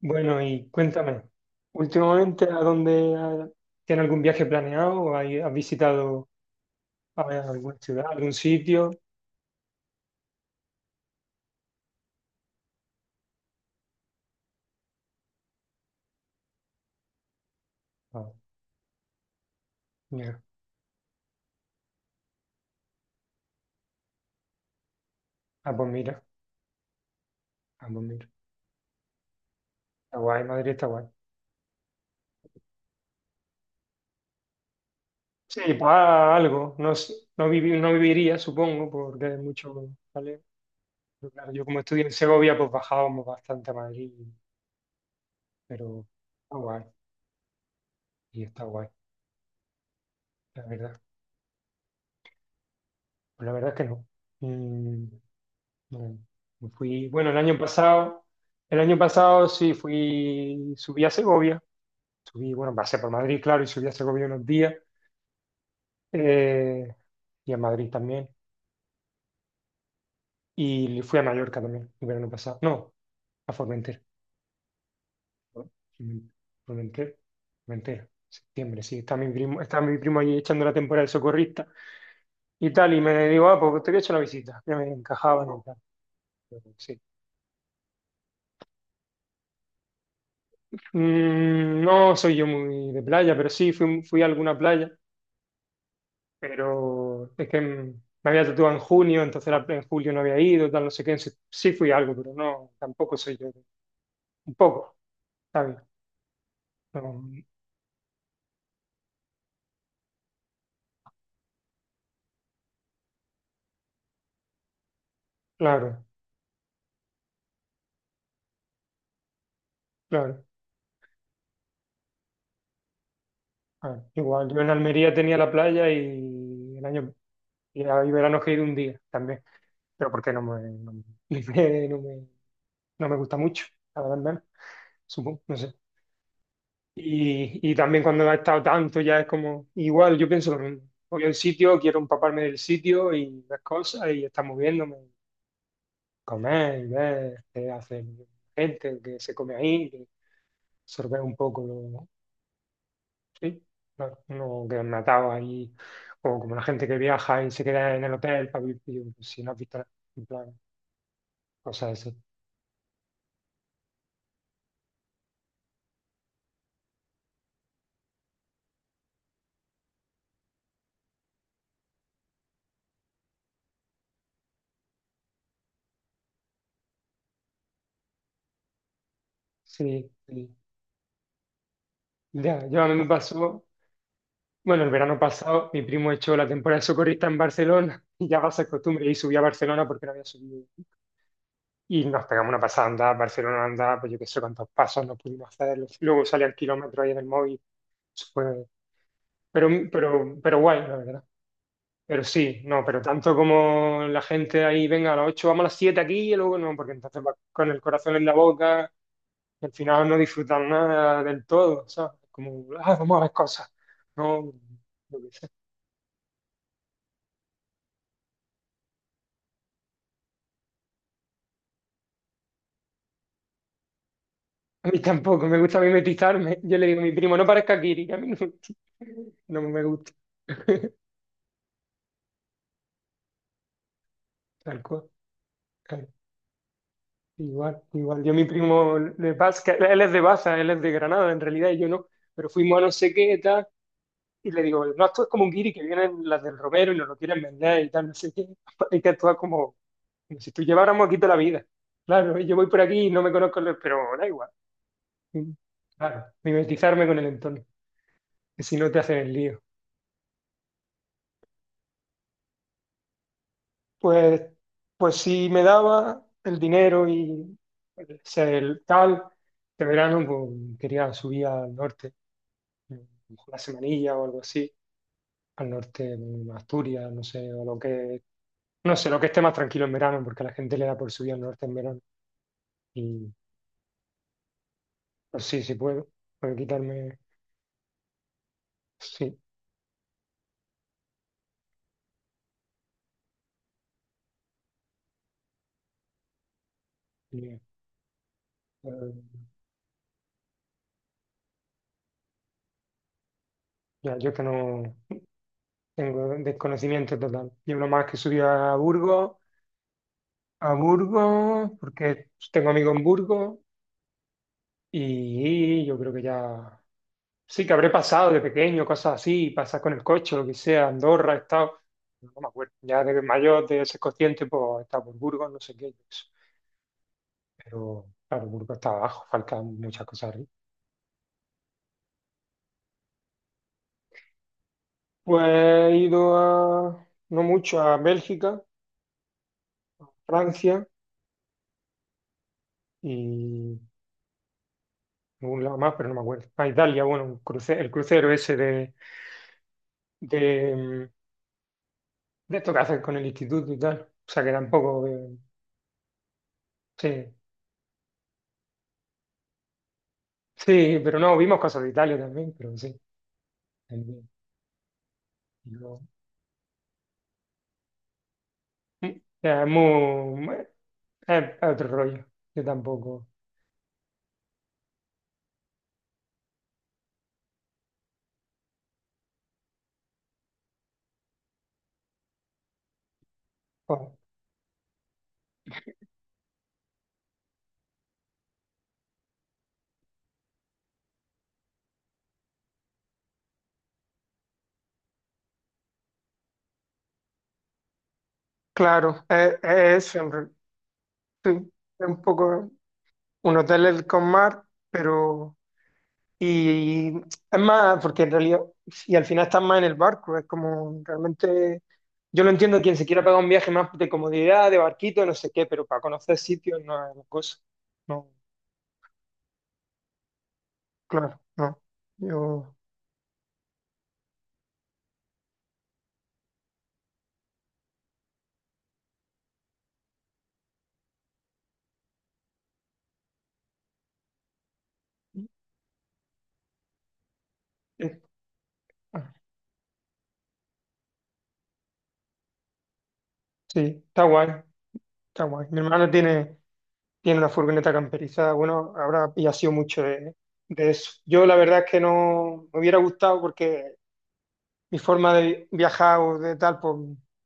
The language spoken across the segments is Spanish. Bueno, y cuéntame, últimamente, ¿a dónde ha- tiene algún viaje planeado? ¿O hay- has visitado a ver, alguna ciudad, algún sitio? Ah, mira. Ah, pues mira, ah, pues mira. Está guay, Madrid está guay. Sí, pues ah, algo. No, s- no, vivi- no viviría, supongo, porque hay mucho, ¿vale? Pero claro, yo como estudié en Segovia, pues bajábamos bastante a Madrid, pero está guay, y está guay, la verdad. Pues la verdad es que no. Mm, No, no fui, bueno, el año pasado sí fui, subí a Segovia, subí, bueno, pasé por Madrid, claro, y subí a Segovia unos días, eh, y a Madrid también, y fui a Mallorca también, el verano pasado, no, a Formentera, ¿no? Formentera, Formentera, septiembre, sí, está mi primo allí echando la temporada de socorrista y tal, y me digo, ah, pues te voy a echar una visita, ya me encajaban y tal, pero sí. Mm, no soy yo muy de playa, pero sí fui, fui a alguna playa. Pero es que me había tatuado en junio, entonces la- en julio no había ido, tal, no sé qué, sí, sí fui algo, pero no, tampoco soy yo, un poco, ¿sabes? No, claro, claro. A ver, igual, yo en Almería tenía la playa y el año, y ahí verano que he ido un día también, pero porque no me, no me, no me, no me gusta mucho, la verdad, al menos, supongo, no sé. Y también cuando ha estado tanto ya es como, igual yo pienso lo mismo. Voy a un sitio, quiero empaparme del sitio y las cosas y estar moviéndome. Comer y ver qué hace gente, que se come ahí, que absorber un poco lo, sí, no, no quedan atados ahí, o como la gente que viaja y se queda en el hotel para vivir, si no has visto, en plan, cosas así. Sí, sí. Ya, yo a mí me pasó, bueno, el verano pasado mi primo echó la temporada de socorrista en Barcelona y ya va a ser costumbre y subí a Barcelona porque no había subido. Y nos pegamos una pasada andada, Barcelona andada pues yo qué sé cuántos pasos nos pudimos hacer. Luego salía el kilómetro ahí en el móvil. Eso fue. Pero, pero guay, la verdad. Pero sí, no, pero tanto como la gente ahí, venga, a las 8 vamos a las 7 aquí y luego no, porque entonces va con el corazón en la boca, y al final no disfrutan nada del todo, ¿sabes? Como, ah, vamos a ver cosas. No, yo sé. A mí tampoco, me gusta mimetizarme. Yo le digo a mi primo, no parezca Kiri, que a mí no, no me gusta. Tal cual. Claro. Igual, igual. Yo a mi primo de Baza, que él es de Baza, él es de Granada en realidad, y yo no. Pero fuimos a no sé qué, tal. Y le digo, no actúes como un guiri que vienen las del Romero y nos lo quieren vender y tal, no sé qué. Hay que actuar como, como si tú lleváramos aquí toda la vida. Claro, yo voy por aquí y no me conozco, los- pero da igual. Claro, mimetizarme con el entorno, que si no te hacen el lío. Pues, pues si me daba el dinero y o sea, el tal, de verano pues, quería subir al norte, una semanilla o algo así, al norte, a Asturias, no sé, o lo que no sé, lo que esté más tranquilo en verano, porque a la gente le da por subir al norte en verano. Y pues sí, sí puedo. Puedo quitarme. Sí. y, eh, ya, yo que no tengo desconocimiento total. Yo lo más que subí a Burgos, porque tengo amigos en Burgos, y yo creo que ya. Sí, que habré pasado de pequeño, cosas así, pasar con el coche, lo que sea, Andorra, he estado. No me acuerdo. Ya de mayor, de ser consciente, pues he estado por Burgos, no sé qué. Pero claro, Burgos está abajo, faltan muchas cosas arriba. Pues he ido a, no mucho, a Bélgica, Francia y algún lado más, pero no me acuerdo. A Italia, bueno, un cruce- el crucero ese de, de esto que hacen con el instituto y tal. O sea que tampoco, sí, sí, pero no, vimos cosas de Italia también, pero sí. También. No. Es muy, es otro rollo, yo tampoco. Bueno, claro, es eso, en re- sí, es un poco un hotel es con mar, pero... Y es más, porque en realidad, y al final estás más en el barco, es como realmente, yo lo entiendo quien se quiera pagar un viaje más de comodidad, de barquito, no sé qué, pero para conocer sitios no es la cosa. No, claro, no. Yo, eh, ah, sí, está guay, está guay. Mi hermano tiene, tiene una furgoneta camperizada, bueno, ahora y ha sido mucho de eso. Yo la verdad es que no me hubiera gustado porque mi forma de viajar o de tal, pues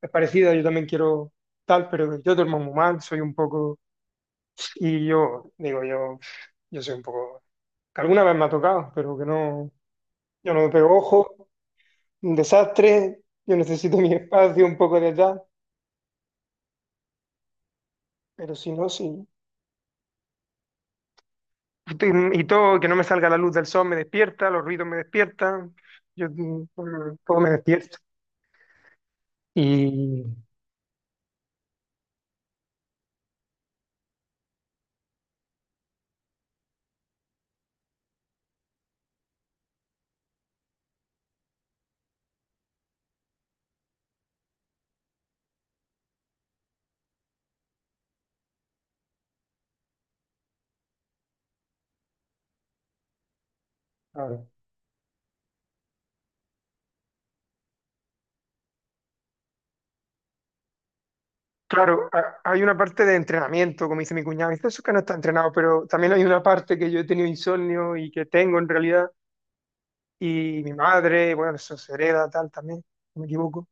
es parecida, yo también quiero tal, pero yo duermo muy mal, soy un poco, y yo digo, yo soy un poco, que alguna vez me ha tocado, pero que no, yo no me pego ojo, un desastre, yo necesito mi espacio, un poco de tal, pero si no, sí. Y todo, que no me salga la luz del sol me despierta, los ruidos me despiertan, yo, todo me despierta. Y claro, Claro, ha- hay una parte de entrenamiento, como dice mi cuñado, dice eso que no está entrenado, pero también hay una parte que yo he tenido insomnio y que tengo en realidad, y mi madre, bueno, eso se hereda tal también, si no me equivoco.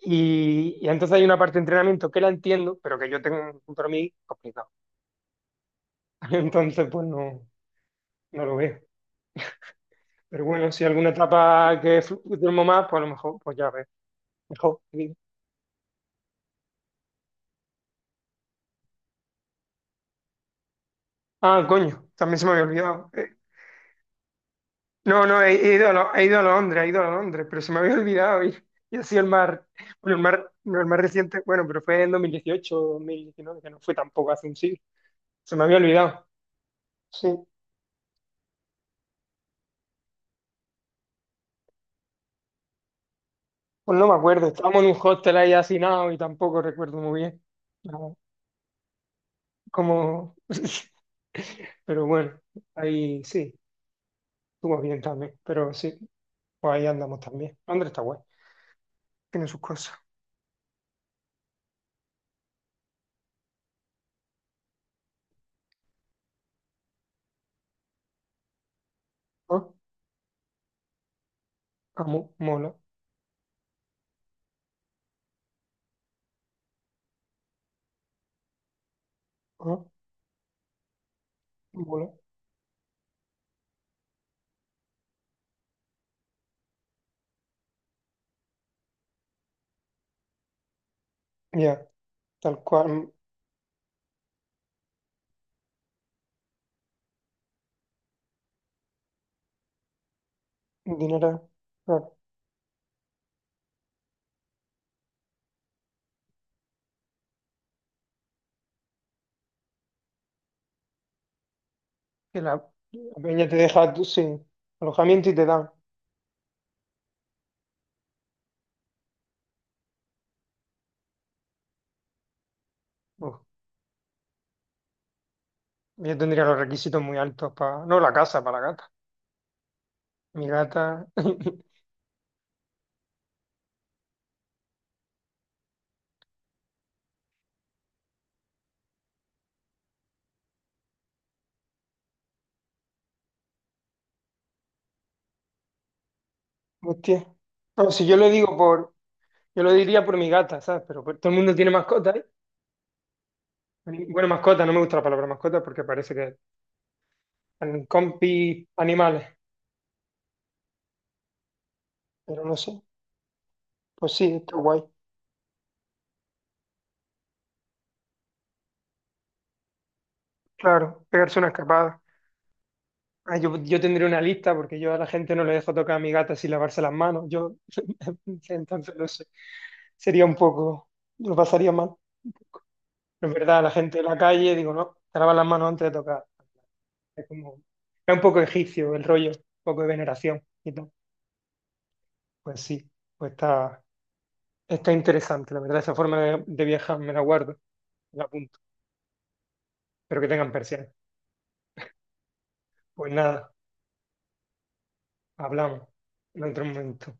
Y entonces hay una parte de entrenamiento que la entiendo, pero que yo tengo para mí complicado. Entonces, pues no, no lo veo. Pero bueno, si alguna etapa que flu- duermo más, pues a lo mejor, pues ya ves, mejor. Digo. Ah, coño, también se me había olvidado. No, no, he ido a, Lo- he ido a Londres, he ido a Londres, pero se me había olvidado y ha sido el mar, bueno, el mar, no, el más reciente, bueno, pero fue en 2018, 2019, que no fue tampoco hace un siglo, se me había olvidado, sí, pues no me acuerdo, estábamos en un hostel ahí hacinados y tampoco recuerdo muy bien, no, como, pero bueno, ahí sí, estuvo bien también, pero sí, pues ahí andamos también, Londres está guay, tiene sus cosas, ah, amo, mola, ah, mola, ya, tal cual, dinero. Claro. Que la peña te deja tú sin alojamiento y te dan. Uf, yo tendría los requisitos muy altos para. No, la casa, para la gata. Mi gata. Hostia. No, si yo lo digo por. Yo lo diría por mi gata, ¿sabes? Pero pues, todo el mundo tiene mascotas. ¿Eh? Bueno, mascota, no me gusta la palabra mascota porque parece que son compi animales. Pero no sé. Pues sí, está guay. Claro, pegarse una escapada. Ah, yo tendría una lista porque yo a la gente no le dejo tocar a mi gata sin lavarse las manos. Yo. Entonces, no sé. Sería un poco, lo pasaría mal. Pero es verdad, la gente de la calle, digo, no, te lavas las manos antes de tocar. Es como, es un poco egipcio el rollo, un poco de veneración y tal. Pues sí, pues está, está interesante, la verdad, esa forma de viajar me la guardo, me la apunto. Espero que tengan persianas. Pues nada, hablamos en otro momento.